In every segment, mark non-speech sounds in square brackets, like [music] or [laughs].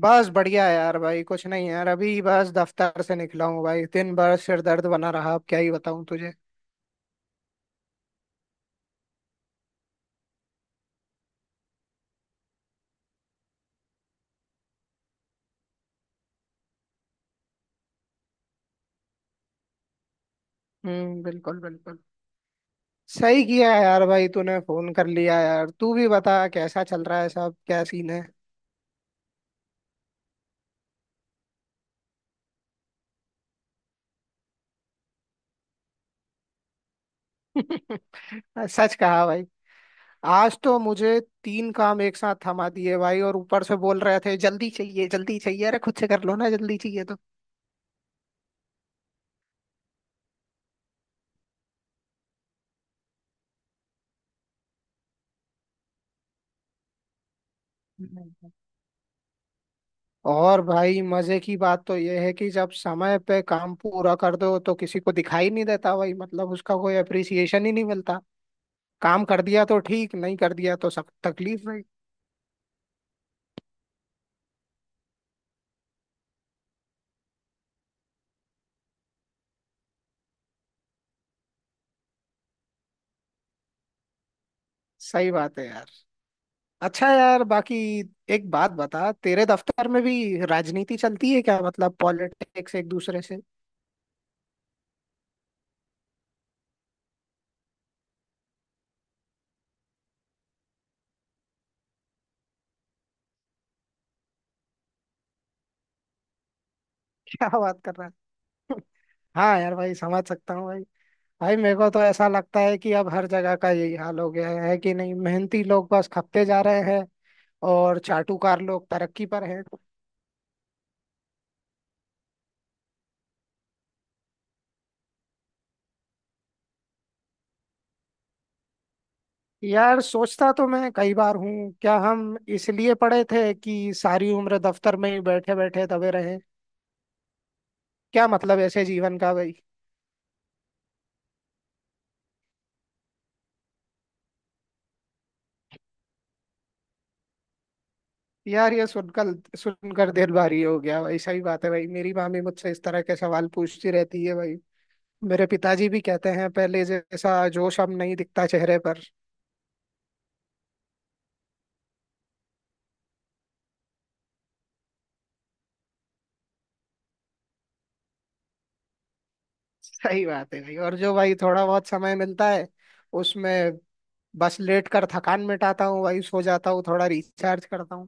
बस बढ़िया है यार। भाई कुछ नहीं यार, अभी बस दफ्तर से निकला हूँ भाई। दिन भर सिर दर्द बना रहा, अब क्या ही बताऊँ तुझे। हम्म, बिल्कुल बिल्कुल। सही किया है यार भाई, तूने फोन कर लिया यार। तू भी बता कैसा चल रहा है सब, क्या सीन है? [laughs] सच कहा भाई। आज तो मुझे तीन काम एक साथ थमा दिए भाई, और ऊपर से बोल रहे थे जल्दी चाहिए जल्दी चाहिए। अरे खुद से कर लो ना, जल्दी चाहिए। तो और भाई मजे की बात तो यह है कि जब समय पे काम पूरा कर दो तो किसी को दिखाई नहीं देता भाई, मतलब उसका कोई अप्रिसिएशन ही नहीं मिलता। काम कर दिया तो ठीक, नहीं कर दिया तो सब तकलीफ भाई। सही बात है यार। अच्छा यार, बाकी एक बात बता, तेरे दफ्तर में भी राजनीति चलती है क्या? मतलब पॉलिटिक्स, एक दूसरे से [laughs] क्या बात कर रहा है। [laughs] हाँ यार भाई, समझ सकता हूँ भाई। भाई मेरे को तो ऐसा लगता है कि अब हर जगह का यही हाल हो गया है कि नहीं, मेहनती लोग बस खपते जा रहे हैं और चाटुकार लोग तरक्की पर हैं। यार सोचता तो मैं कई बार हूँ, क्या हम इसलिए पढ़े थे कि सारी उम्र दफ्तर में ही बैठे बैठे दबे रहें? क्या मतलब ऐसे जीवन का भाई। यार ये सुनकर सुनकर दिल भारी हो गया भाई। सही बात है भाई, मेरी माँ भी मुझसे इस तरह के सवाल पूछती रहती है भाई। मेरे पिताजी भी कहते हैं पहले जैसा जोश अब नहीं दिखता चेहरे पर। सही बात है भाई, और जो भाई थोड़ा बहुत समय मिलता है उसमें बस लेट कर थकान मिटाता हूँ भाई, सो जाता हूँ, थोड़ा रिचार्ज करता हूँ।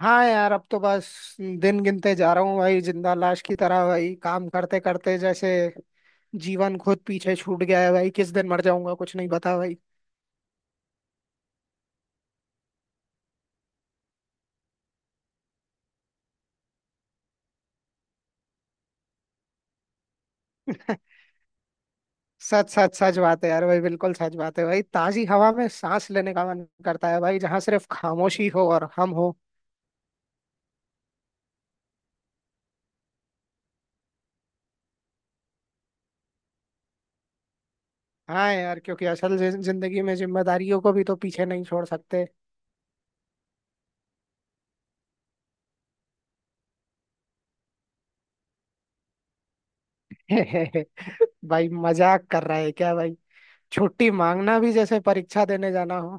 हाँ यार, अब तो बस दिन गिनते जा रहा हूँ भाई, जिंदा लाश की तरह भाई, काम करते करते जैसे जीवन खुद पीछे छूट गया है भाई। किस दिन मर जाऊंगा कुछ नहीं पता भाई। [laughs] सच सच सच बात है यार भाई, बिल्कुल सच बात है भाई। ताजी हवा में सांस लेने का मन करता है भाई, जहाँ सिर्फ खामोशी हो और हम हो। हाँ यार, क्योंकि असल जिंदगी में जिम्मेदारियों को भी तो पीछे नहीं छोड़ सकते। [laughs] भाई मजाक कर रहा है क्या भाई? छुट्टी मांगना भी जैसे परीक्षा देने जाना हो।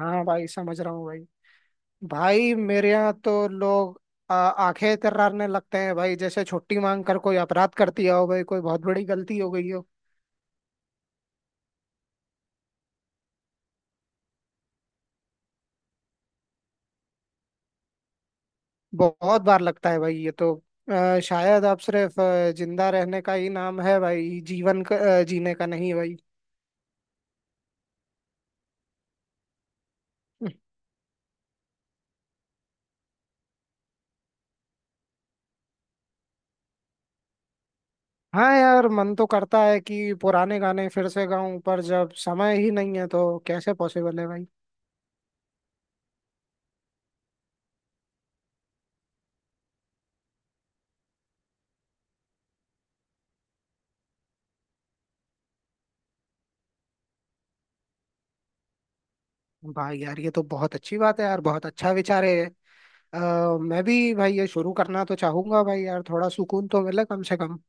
हाँ भाई, समझ रहा हूँ भाई। भाई मेरे यहाँ तो लोग आंखें तर्रारने लगते हैं भाई, जैसे छुट्टी मांग कर कोई अपराध कर दिया हो भाई, कोई बहुत बड़ी गलती हो गई हो। बहुत बार लगता है भाई ये तो शायद अब सिर्फ जिंदा रहने का ही नाम है भाई, जीवन का, जीने का नहीं भाई। हाँ यार, मन तो करता है कि पुराने गाने फिर से गाऊं, पर जब समय ही नहीं है तो कैसे पॉसिबल है भाई? भाई यार, ये तो बहुत अच्छी बात है यार, बहुत अच्छा विचार है। अ, मैं भी भाई ये शुरू करना तो चाहूंगा भाई यार, थोड़ा सुकून तो मिले कम से कम।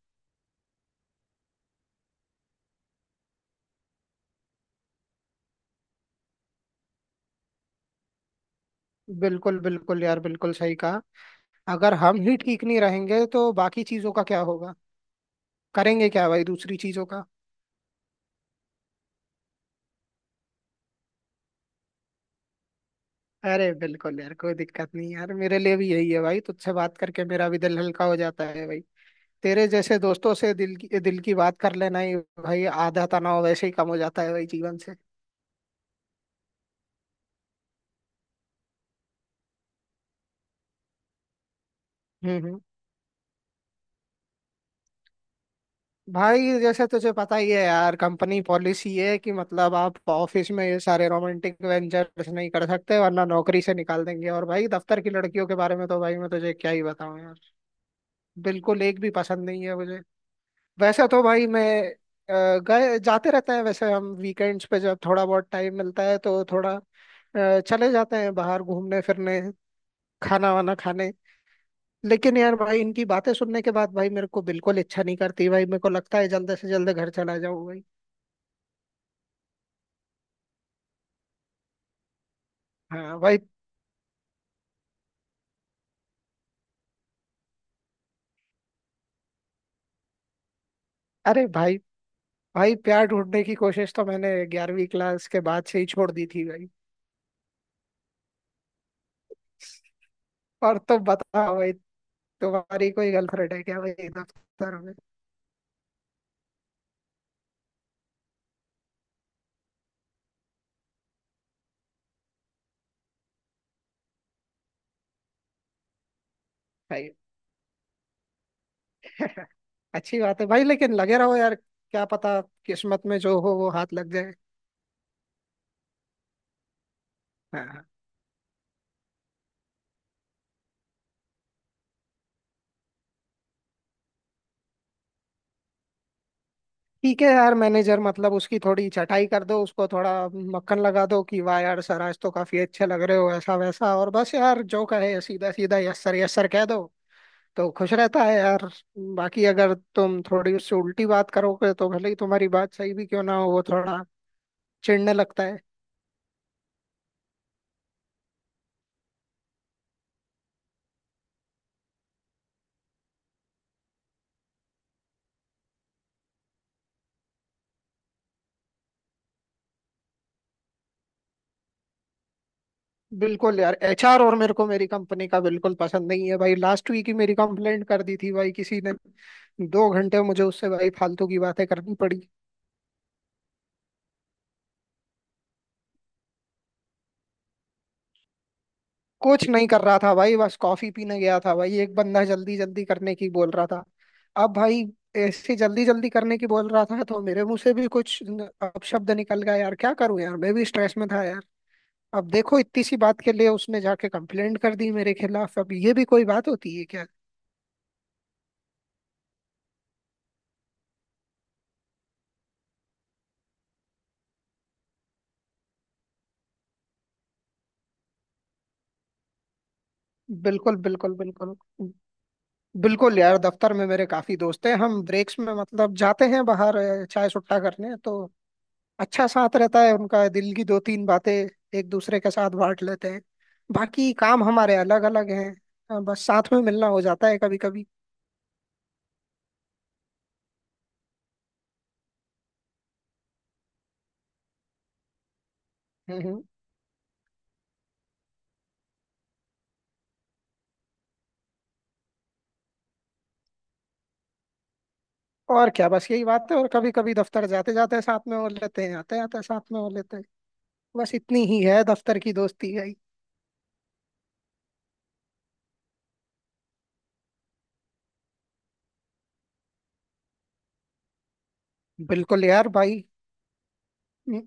बिल्कुल बिल्कुल यार, बिल्कुल सही कहा। अगर हम ही ठीक नहीं रहेंगे तो बाकी चीजों का क्या होगा? करेंगे क्या भाई दूसरी चीजों का? अरे बिल्कुल यार, कोई दिक्कत नहीं यार, मेरे लिए भी यही है भाई, तुझसे बात करके मेरा भी दिल हल्का हो जाता है भाई। तेरे जैसे दोस्तों से दिल की बात कर लेना ही भाई, आधा तनाव वैसे ही कम हो जाता है भाई जीवन से। हम्म। भाई जैसे तुझे पता ही है यार, कंपनी पॉलिसी है कि मतलब आप ऑफिस में ये सारे रोमांटिक वेंचर्स नहीं कर सकते, वरना नौकरी से निकाल देंगे। और भाई दफ्तर की लड़कियों के बारे में तो भाई मैं तुझे क्या ही बताऊं यार, बिल्कुल एक भी पसंद नहीं है मुझे। वैसे तो भाई मैं गए जाते रहते हैं, वैसे हम वीकेंड्स पे जब थोड़ा बहुत टाइम मिलता है तो थोड़ा चले जाते हैं बाहर घूमने फिरने, खाना वाना खाने। लेकिन यार भाई इनकी बातें सुनने के बाद भाई मेरे को बिल्कुल इच्छा नहीं करती भाई, मेरे को लगता है जल्दी से जल्दी घर चला जाऊं भाई। हाँ भाई। अरे भाई, भाई प्यार ढूंढने की कोशिश तो मैंने 11वीं क्लास के बाद से ही छोड़ दी थी भाई। और तुम बताओ भाई, तुम्हारी कोई गर्लफ्रेंड है क्या भाई दफ्तर में? भाई [laughs] अच्छी बात है भाई, लेकिन लगे रहो यार, क्या पता किस्मत में जो हो वो हाथ लग जाए। हाँ हाँ। ठीक है यार, मैनेजर मतलब उसकी थोड़ी चटाई कर दो, उसको थोड़ा मक्खन लगा दो कि वाह यार सर आज तो काफी अच्छे लग रहे हो, ऐसा वैसा, और बस यार जो कहे सीधा सीधा यस सर कह दो तो खुश रहता है यार। बाकी अगर तुम थोड़ी उससे उल्टी बात करोगे तो भले ही तुम्हारी बात सही भी क्यों ना हो, वो थोड़ा चिढ़ने लगता है। बिल्कुल यार, एचआर और मेरे को मेरी कंपनी का बिल्कुल पसंद नहीं है भाई। लास्ट वीक ही मेरी कंप्लेंट कर दी थी भाई किसी ने, 2 घंटे मुझे उससे भाई फालतू की बातें करनी पड़ी। कुछ नहीं कर रहा था भाई, बस कॉफी पीने गया था भाई, एक बंदा जल्दी जल्दी करने की बोल रहा था, अब भाई ऐसे जल्दी जल्दी करने की बोल रहा था तो मेरे मुंह से भी कुछ अपशब्द निकल गया यार, क्या करूं यार मैं भी स्ट्रेस में था यार। अब देखो इतनी सी बात के लिए उसने जाके कंप्लेंट कर दी मेरे खिलाफ, अब ये भी कोई बात होती है क्या? बिल्कुल बिल्कुल बिल्कुल। बिल्कुल यार, दफ्तर में मेरे काफी दोस्त हैं, हम ब्रेक्स में मतलब जाते हैं बाहर चाय सुट्टा करने तो। अच्छा साथ रहता है उनका, दिल की दो तीन बातें एक दूसरे के साथ बांट लेते हैं। बाकी काम हमारे अलग अलग हैं, बस साथ में मिलना हो जाता है कभी कभी। हम्म हम्म। और क्या, बस यही बात है, और कभी कभी दफ्तर जाते जाते साथ में हो लेते हैं, आते आते साथ में हो लेते हैं। बस इतनी ही है दफ्तर की दोस्ती। बिल्कुल यार भाई। म-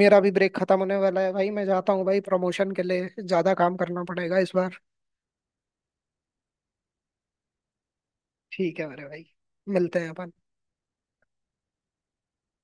मेरा भी ब्रेक खत्म होने वाला है भाई, मैं जाता हूँ भाई, प्रमोशन के लिए ज्यादा काम करना पड़ेगा इस बार। ठीक है मेरे भाई, मिलते हैं अपन।